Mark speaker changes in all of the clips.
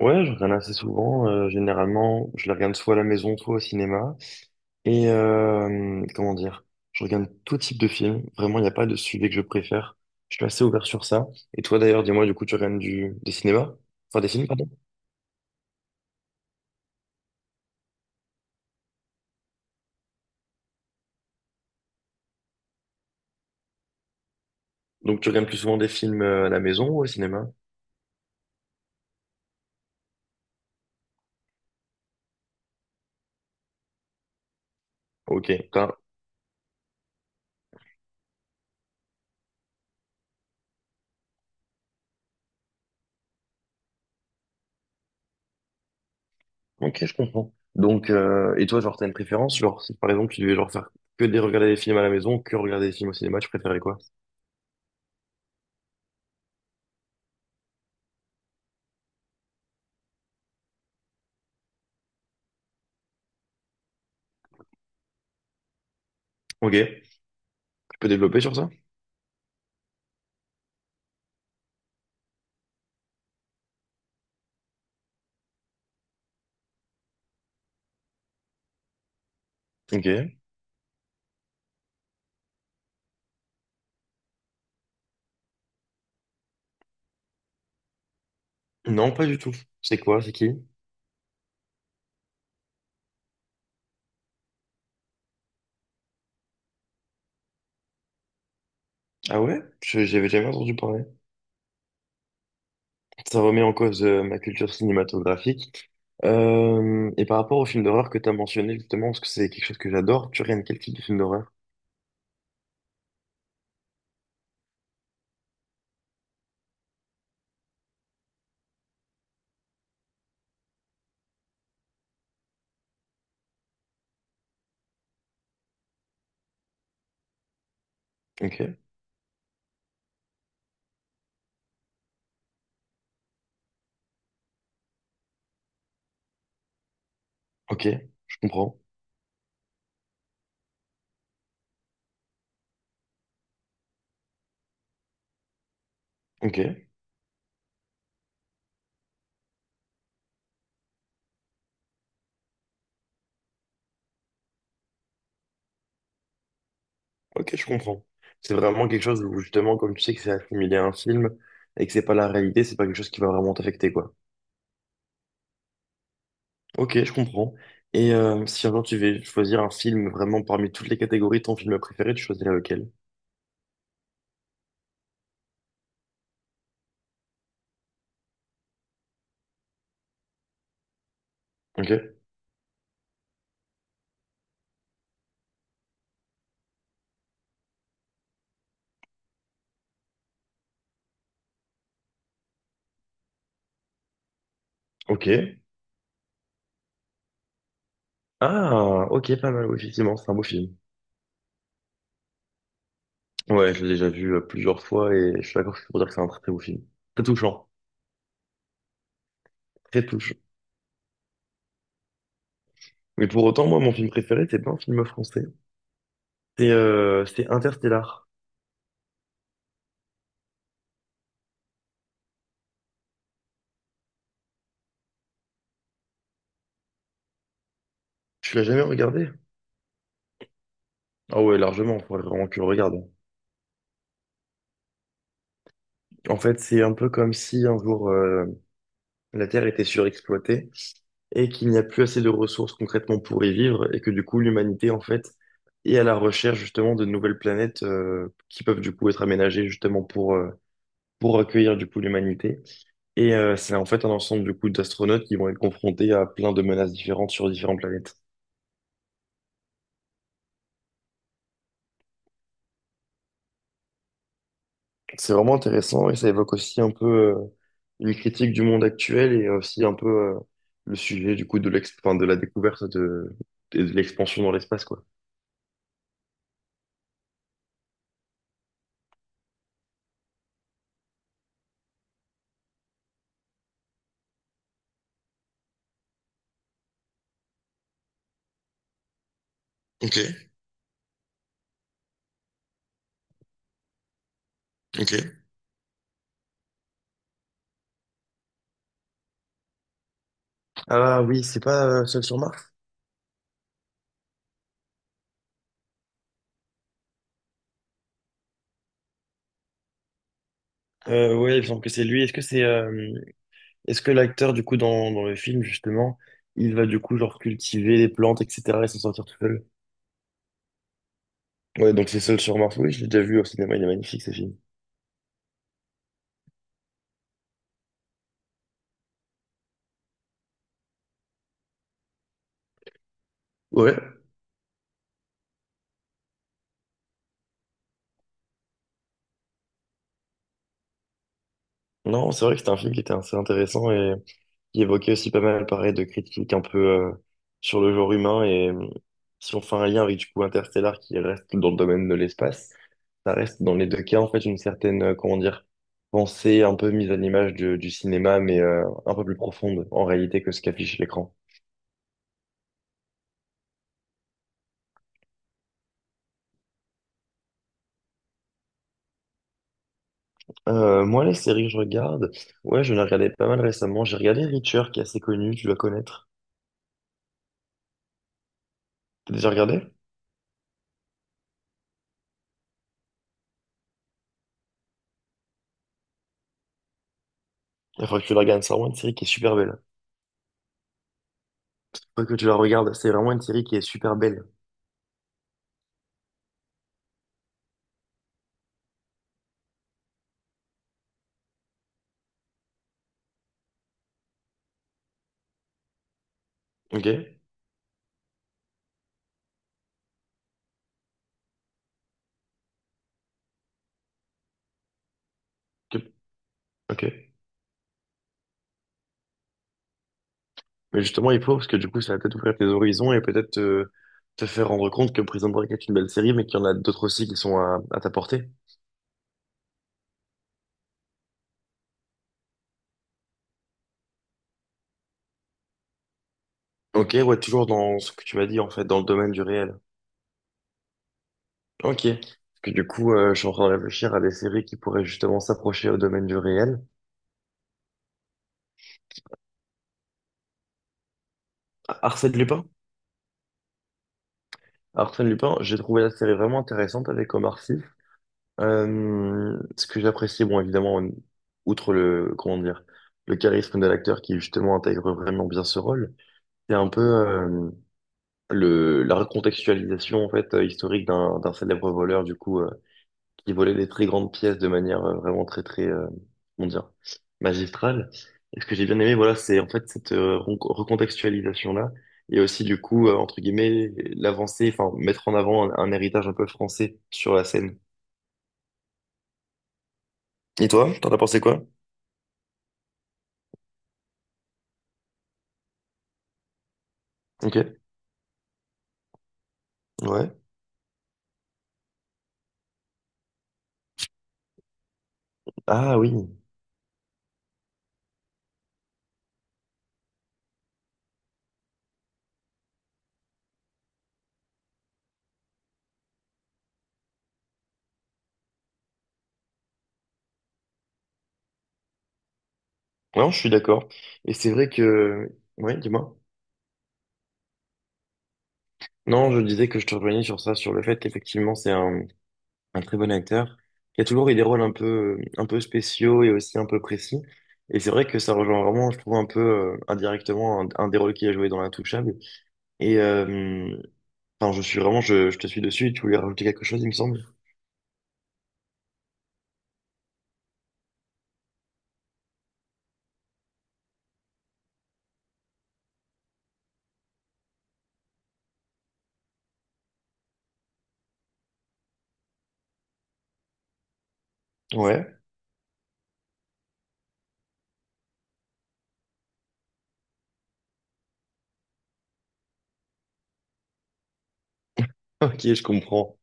Speaker 1: Ouais, je regarde assez souvent. Généralement, je les regarde soit à la maison, soit au cinéma. Et comment dire, je regarde tout type de film. Vraiment, il n'y a pas de sujet que je préfère. Je suis assez ouvert sur ça. Et toi, d'ailleurs, dis-moi, du coup, tu regardes des cinémas? Enfin, des films, pardon. Donc, tu regardes plus souvent des films à la maison ou au cinéma? Ok, t'as- ok, je comprends. Donc, et toi, genre, t'as une préférence? Genre, si par exemple, tu devais genre faire que des regarder des films à la maison, que regarder des films au cinéma, tu préférais quoi? Ok, tu peux développer sur ça? Ok. Non, pas du tout. C'est quoi? C'est qui? Ah ouais? J'avais jamais entendu parler. Ça remet en cause ma culture cinématographique. Et par rapport au film d'horreur que tu as mentionné justement, parce que c'est quelque chose que j'adore, tu regardes quel type de film d'horreur? Ok, ok, je comprends. Ok, ok, je comprends. C'est vraiment quelque chose où justement, comme tu sais que c'est assimilé à un film et que c'est pas la réalité, c'est pas quelque chose qui va vraiment t'affecter, quoi. Ok, je comprends. Et si un jour tu veux choisir un film vraiment parmi toutes les catégories, ton film préféré, tu choisirais lequel? Ok, ok. Ah, ok, pas mal, oui, effectivement, c'est un beau film. Ouais, je l'ai déjà vu plusieurs fois et je suis d'accord pour dire que c'est un très très beau film. Très touchant. Très touchant. Mais pour autant, moi, mon film préféré, c'est pas un film français. C'est Interstellar. Tu l'as jamais regardé? Ah ouais, largement, il faudrait vraiment que tu le regardes. En fait, c'est un peu comme si un jour la Terre était surexploitée et qu'il n'y a plus assez de ressources concrètement pour y vivre et que du coup l'humanité en fait est à la recherche justement de nouvelles planètes qui peuvent du coup être aménagées justement pour accueillir du coup l'humanité. Et c'est en fait un ensemble du coup d'astronautes qui vont être confrontés à plein de menaces différentes sur différentes planètes. C'est vraiment intéressant et ça évoque aussi un peu une critique du monde actuel et aussi un peu le sujet du coup de l'ex enfin, de la découverte de, et de l'expansion dans l'espace quoi. Ok, ok. Ah oui, c'est pas Seul sur Mars? Ouais, il me semble que c'est lui. Est-ce que c'est est-ce que l'acteur du coup dans le film justement, il va du coup genre cultiver les plantes etc et s'en sortir tout seul? Ouais, donc c'est Seul sur Mars. Oui, je l'ai déjà vu au cinéma. Il est magnifique ce film. Ouais, non, c'est vrai que c'était un film qui était assez intéressant et qui évoquait aussi pas mal, pareil, de critiques un peu sur le genre humain. Et si on fait un lien avec du coup Interstellar qui reste dans le domaine de l'espace, ça reste dans les deux cas en fait une certaine, comment dire, pensée un peu mise à l'image du cinéma, mais un peu plus profonde en réalité que ce qu'affiche l'écran. Moi, les séries que je regarde, ouais, je les regardais pas mal récemment. J'ai regardé Reacher qui est assez connu, tu dois connaître. T'as déjà regardé? Il faudrait que tu la regardes, c'est vraiment une série qui est super belle. Faut que tu la regardes, c'est vraiment une série qui est super belle. Ok? Ok. Ok. Mais justement, il faut, parce que du coup, ça va peut-être ouvrir tes horizons et peut-être te faire rendre compte que Prison Break est une belle série, mais qu'il y en a d'autres aussi qui sont à ta portée. Ok, ouais, toujours dans ce que tu m'as dit, en fait, dans le domaine du réel. Ok. Parce que du coup, je suis en train de réfléchir à des séries qui pourraient justement s'approcher au domaine du réel. Arsène Lupin? Arsène Lupin, j'ai trouvé la série vraiment intéressante avec Omar Sy. Ce que j'apprécie, bon, évidemment, outre le, comment dire, le charisme de l'acteur qui justement intègre vraiment bien ce rôle, c'est un peu la recontextualisation en fait historique d'un célèbre voleur du coup qui volait des très grandes pièces de manière vraiment très très comment dire magistrale. Et ce que j'ai bien aimé, voilà, c'est en fait cette recontextualisation-là et aussi du coup entre guillemets l'avancée, enfin mettre en avant un héritage un peu français sur la scène. Et toi, t'en as pensé quoi? Ok. Ouais. Ah oui. Non, je suis d'accord. Et c'est vrai que... Ouais, dis-moi. Non, je disais que je te rejoignais sur ça, sur le fait qu'effectivement, un très bon acteur. Il y a toujours eu des rôles un peu spéciaux et aussi un peu précis. Et c'est vrai que ça rejoint vraiment, je trouve, un peu indirectement un des rôles qu'il a joué dans l'Intouchable. Et enfin, je suis vraiment, je te suis dessus. Tu voulais rajouter quelque chose, il me semble. Ouais. Ok, je comprends.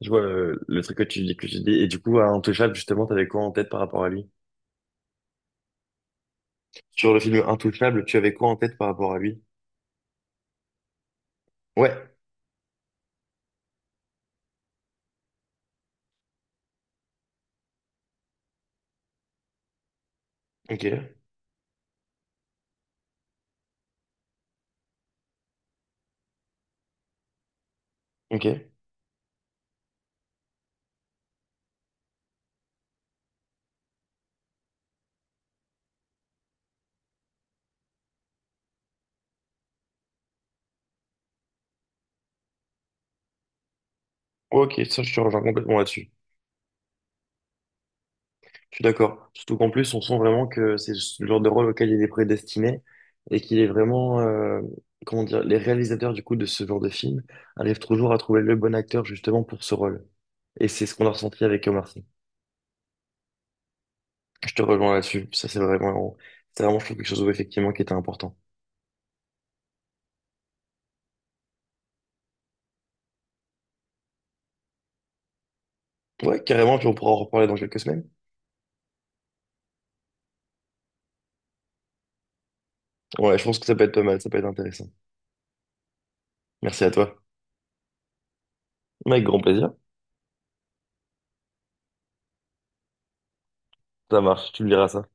Speaker 1: Je vois le truc que tu dis. Et du coup, à Intouchable, justement, t'avais quoi en tête par rapport à lui? Sur le film Intouchable, tu avais quoi en tête par rapport à lui? Ouais, ok, ok. Ouais, ok, ça je te rejoins complètement là-dessus. Je suis d'accord. Surtout qu'en plus, on sent vraiment que c'est le genre de rôle auquel il est prédestiné et qu'il est vraiment, comment dire, les réalisateurs du coup de ce genre de film arrivent toujours à trouver le bon acteur justement pour ce rôle. Et c'est ce qu'on a ressenti avec Omar Sy. Je te rejoins là-dessus. C'est vraiment, je trouve quelque chose où, effectivement qui était important. Ouais, carrément, puis on pourra en reparler dans quelques semaines. Ouais, je pense que ça peut être pas mal, ça peut être intéressant. Merci à toi. Avec grand plaisir. Ça marche, tu me diras ça.